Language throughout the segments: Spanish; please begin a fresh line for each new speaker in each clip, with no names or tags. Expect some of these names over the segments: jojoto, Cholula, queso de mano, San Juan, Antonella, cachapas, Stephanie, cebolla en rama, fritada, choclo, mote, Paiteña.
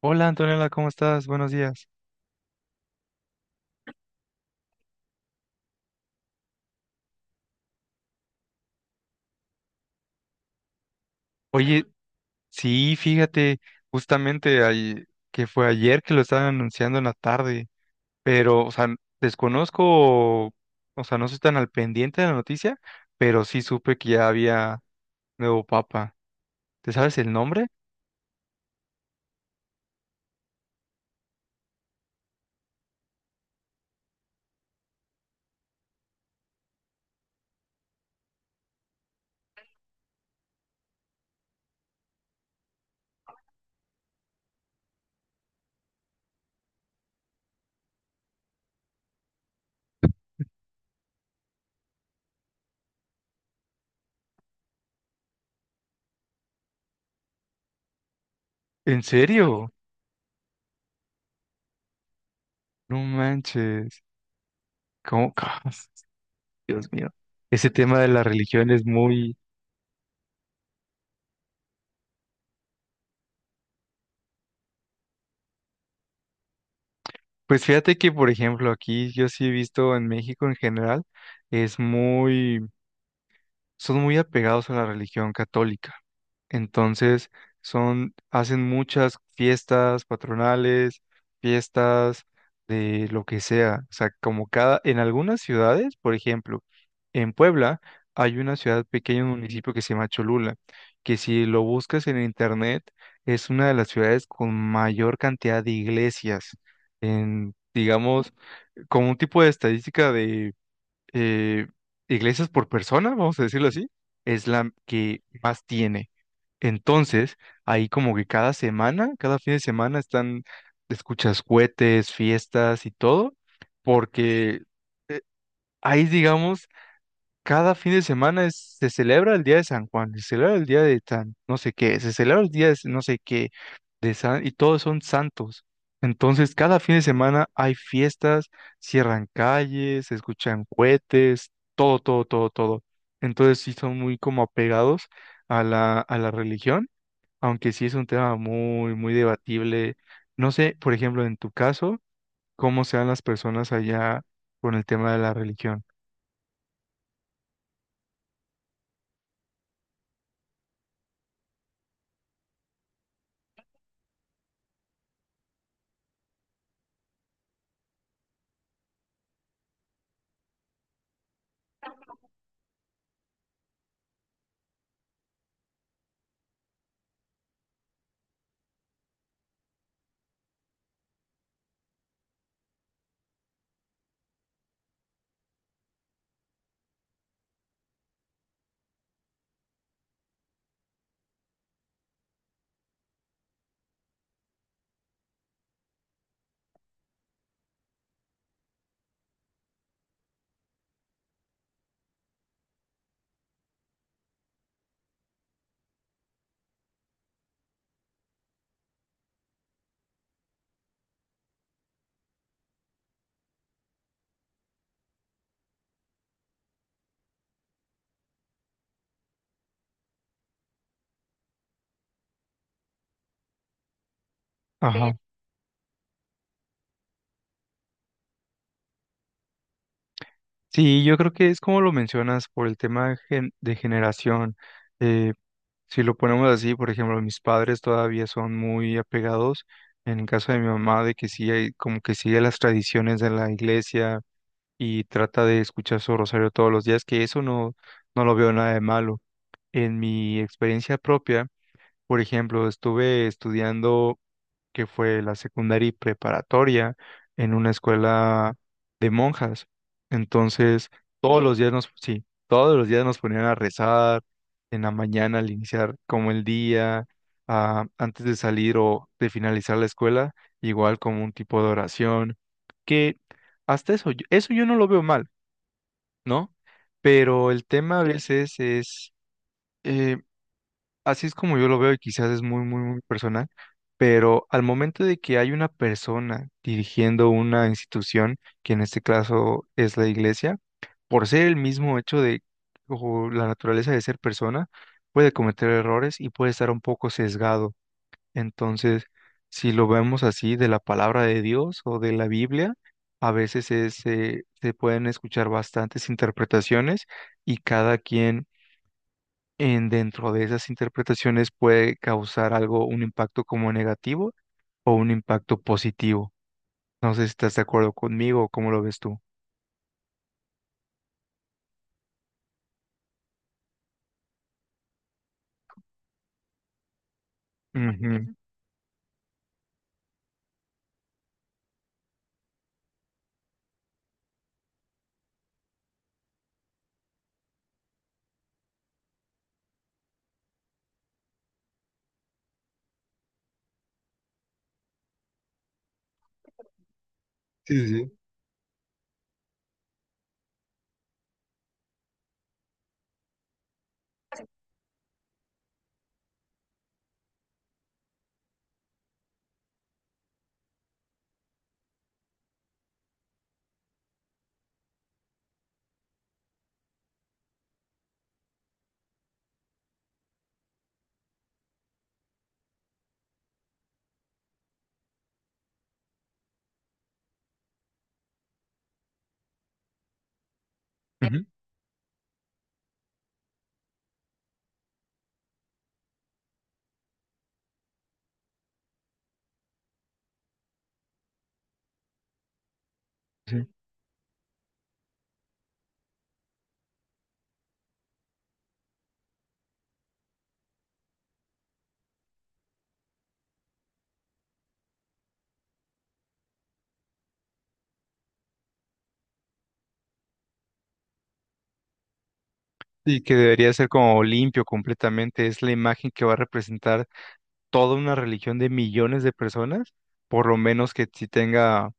Hola Antonella, ¿cómo estás? Buenos días. Oye, sí, fíjate, justamente ahí, que fue ayer que lo estaban anunciando en la tarde, pero, o sea, desconozco, o sea, no estoy tan al pendiente de la noticia, pero sí supe que ya había nuevo papa. ¿Te sabes el nombre? ¿En serio? No manches. ¿Cómo? Dios mío. Ese tema de la religión es muy. Pues fíjate que, por ejemplo, aquí yo sí he visto en México en general, es muy son muy apegados a la religión católica. Entonces, hacen muchas fiestas patronales, fiestas de lo que sea. O sea, en algunas ciudades, por ejemplo, en Puebla hay una ciudad pequeña, un municipio que se llama Cholula, que si lo buscas en internet, es una de las ciudades con mayor cantidad de iglesias en, digamos, como un tipo de estadística, eh, iglesias por persona, vamos a decirlo así, es la que más tiene. Entonces, ahí como que cada semana, cada fin de semana están, escuchas cohetes, fiestas y todo, porque ahí, digamos, cada fin de semana se celebra el día de San Juan, se celebra el día de San, no sé qué, se celebra el día de no sé qué, de San, y todos son santos. Entonces, cada fin de semana hay fiestas, cierran calles, se escuchan cohetes, todo, todo, todo, todo. Entonces, sí son muy como apegados a la religión, aunque sí es un tema muy, muy debatible. No sé, por ejemplo, en tu caso, cómo sean las personas allá con el tema de la religión. Sí, yo creo que es como lo mencionas por el tema de generación. Eh, si lo ponemos así, por ejemplo, mis padres todavía son muy apegados, en el caso de mi mamá, de que sí, como que sigue las tradiciones de la iglesia y trata de escuchar su rosario todos los días, que eso no, no lo veo nada de malo. En mi experiencia propia, por ejemplo, estuve estudiando que fue la secundaria y preparatoria en una escuela de monjas. Entonces, todos los días nos, sí, todos los días nos ponían a rezar en la mañana al iniciar como el día, ah, antes de salir o de finalizar la escuela, igual como un tipo de oración, que hasta eso, eso yo no lo veo mal, ¿no? Pero el tema a veces es. eh, Así es como yo lo veo y quizás es muy, muy, muy personal, pero al momento de que hay una persona dirigiendo una institución, que en este caso es la iglesia, por ser el mismo hecho de o la naturaleza de ser persona, puede cometer errores y puede estar un poco sesgado. Entonces, si lo vemos así de la palabra de Dios o de la Biblia, a veces es, se pueden escuchar bastantes interpretaciones y cada quien en dentro de esas interpretaciones puede causar algo, un impacto como negativo o un impacto positivo. No sé si estás de acuerdo conmigo o cómo lo ves tú. Ujú. Sí, sí. Ujú. Sí. Y que debería ser como limpio completamente. Es la imagen que va a representar toda una religión de millones de personas, por lo menos que si tenga,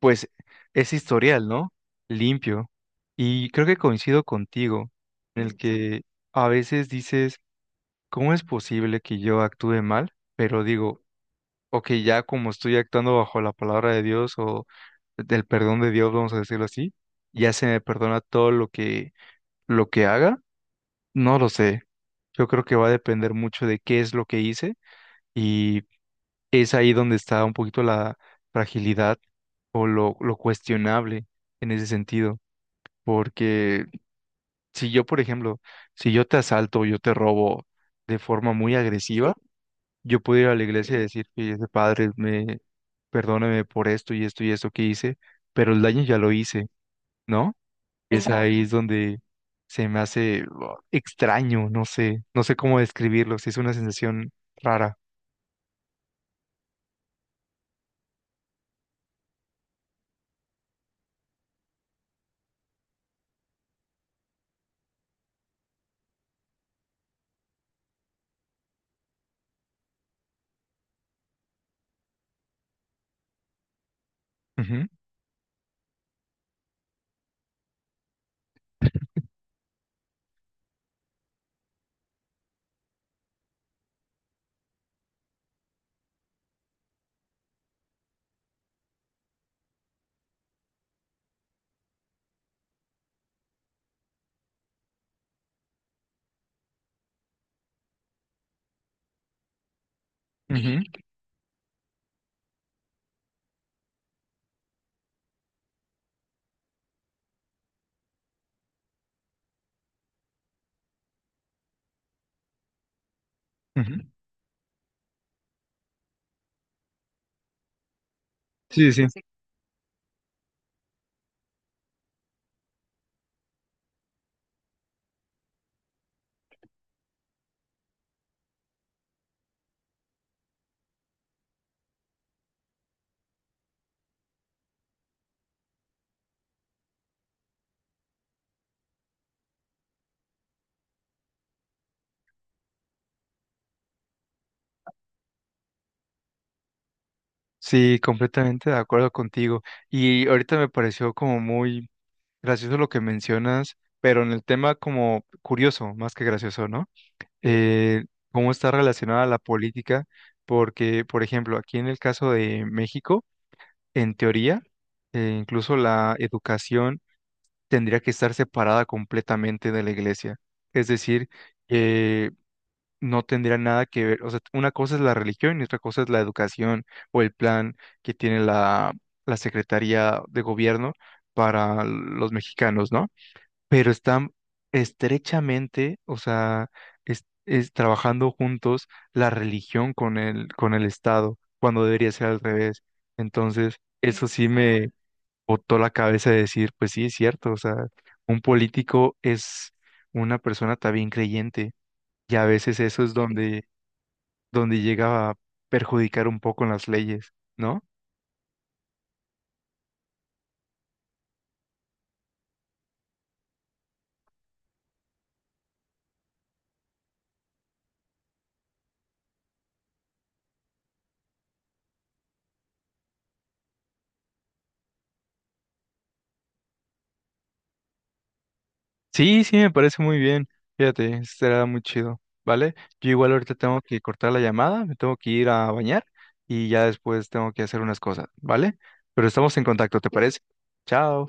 pues, ese historial, ¿no? Limpio. Y creo que coincido contigo en el que a veces dices ¿cómo es posible que yo actúe mal? Pero digo, ok, ya como estoy actuando bajo la palabra de Dios o del perdón de Dios, vamos a decirlo así, ya se me perdona todo lo que haga. No lo sé. Yo creo que va a depender mucho de qué es lo que hice y es ahí donde está un poquito la fragilidad o lo cuestionable en ese sentido. Porque si yo, por ejemplo, si yo te asalto o yo te robo de forma muy agresiva, yo puedo ir a la iglesia y decir, fíjese, padre, perdóneme por esto y esto y esto que hice, pero el daño ya lo hice, ¿no? Es Exacto. Ahí es donde se me hace, oh, extraño, no sé, no sé cómo describirlo, sí es una sensación rara. Ujú, ujú, ujú. Sí, sí, sí. Sí, completamente de acuerdo contigo. Y ahorita me pareció como muy gracioso lo que mencionas, pero en el tema como curioso, más que gracioso, ¿no? eh, cómo está relacionada la política, porque, por ejemplo, aquí en el caso de México, en teoría, incluso la educación tendría que estar separada completamente de la iglesia. Es decir, eh, no tendría nada que ver, o sea, una cosa es la religión y otra cosa es la educación o el plan que tiene la Secretaría de Gobierno para los mexicanos, ¿no? Pero están estrechamente, o sea, es, trabajando juntos la religión con el Estado, cuando debería ser al revés. Entonces, eso sí me botó la cabeza de decir, pues sí, es cierto, o sea, un político es una persona también creyente, y a veces eso es donde llega a perjudicar un poco en las leyes, ¿no? Sí, sí, me parece muy bien. Fíjate, será muy chido, ¿vale? Yo igual ahorita tengo que cortar la llamada, me tengo que ir a bañar y ya después tengo que hacer unas cosas, ¿vale? Pero estamos en contacto, ¿te parece? Chao.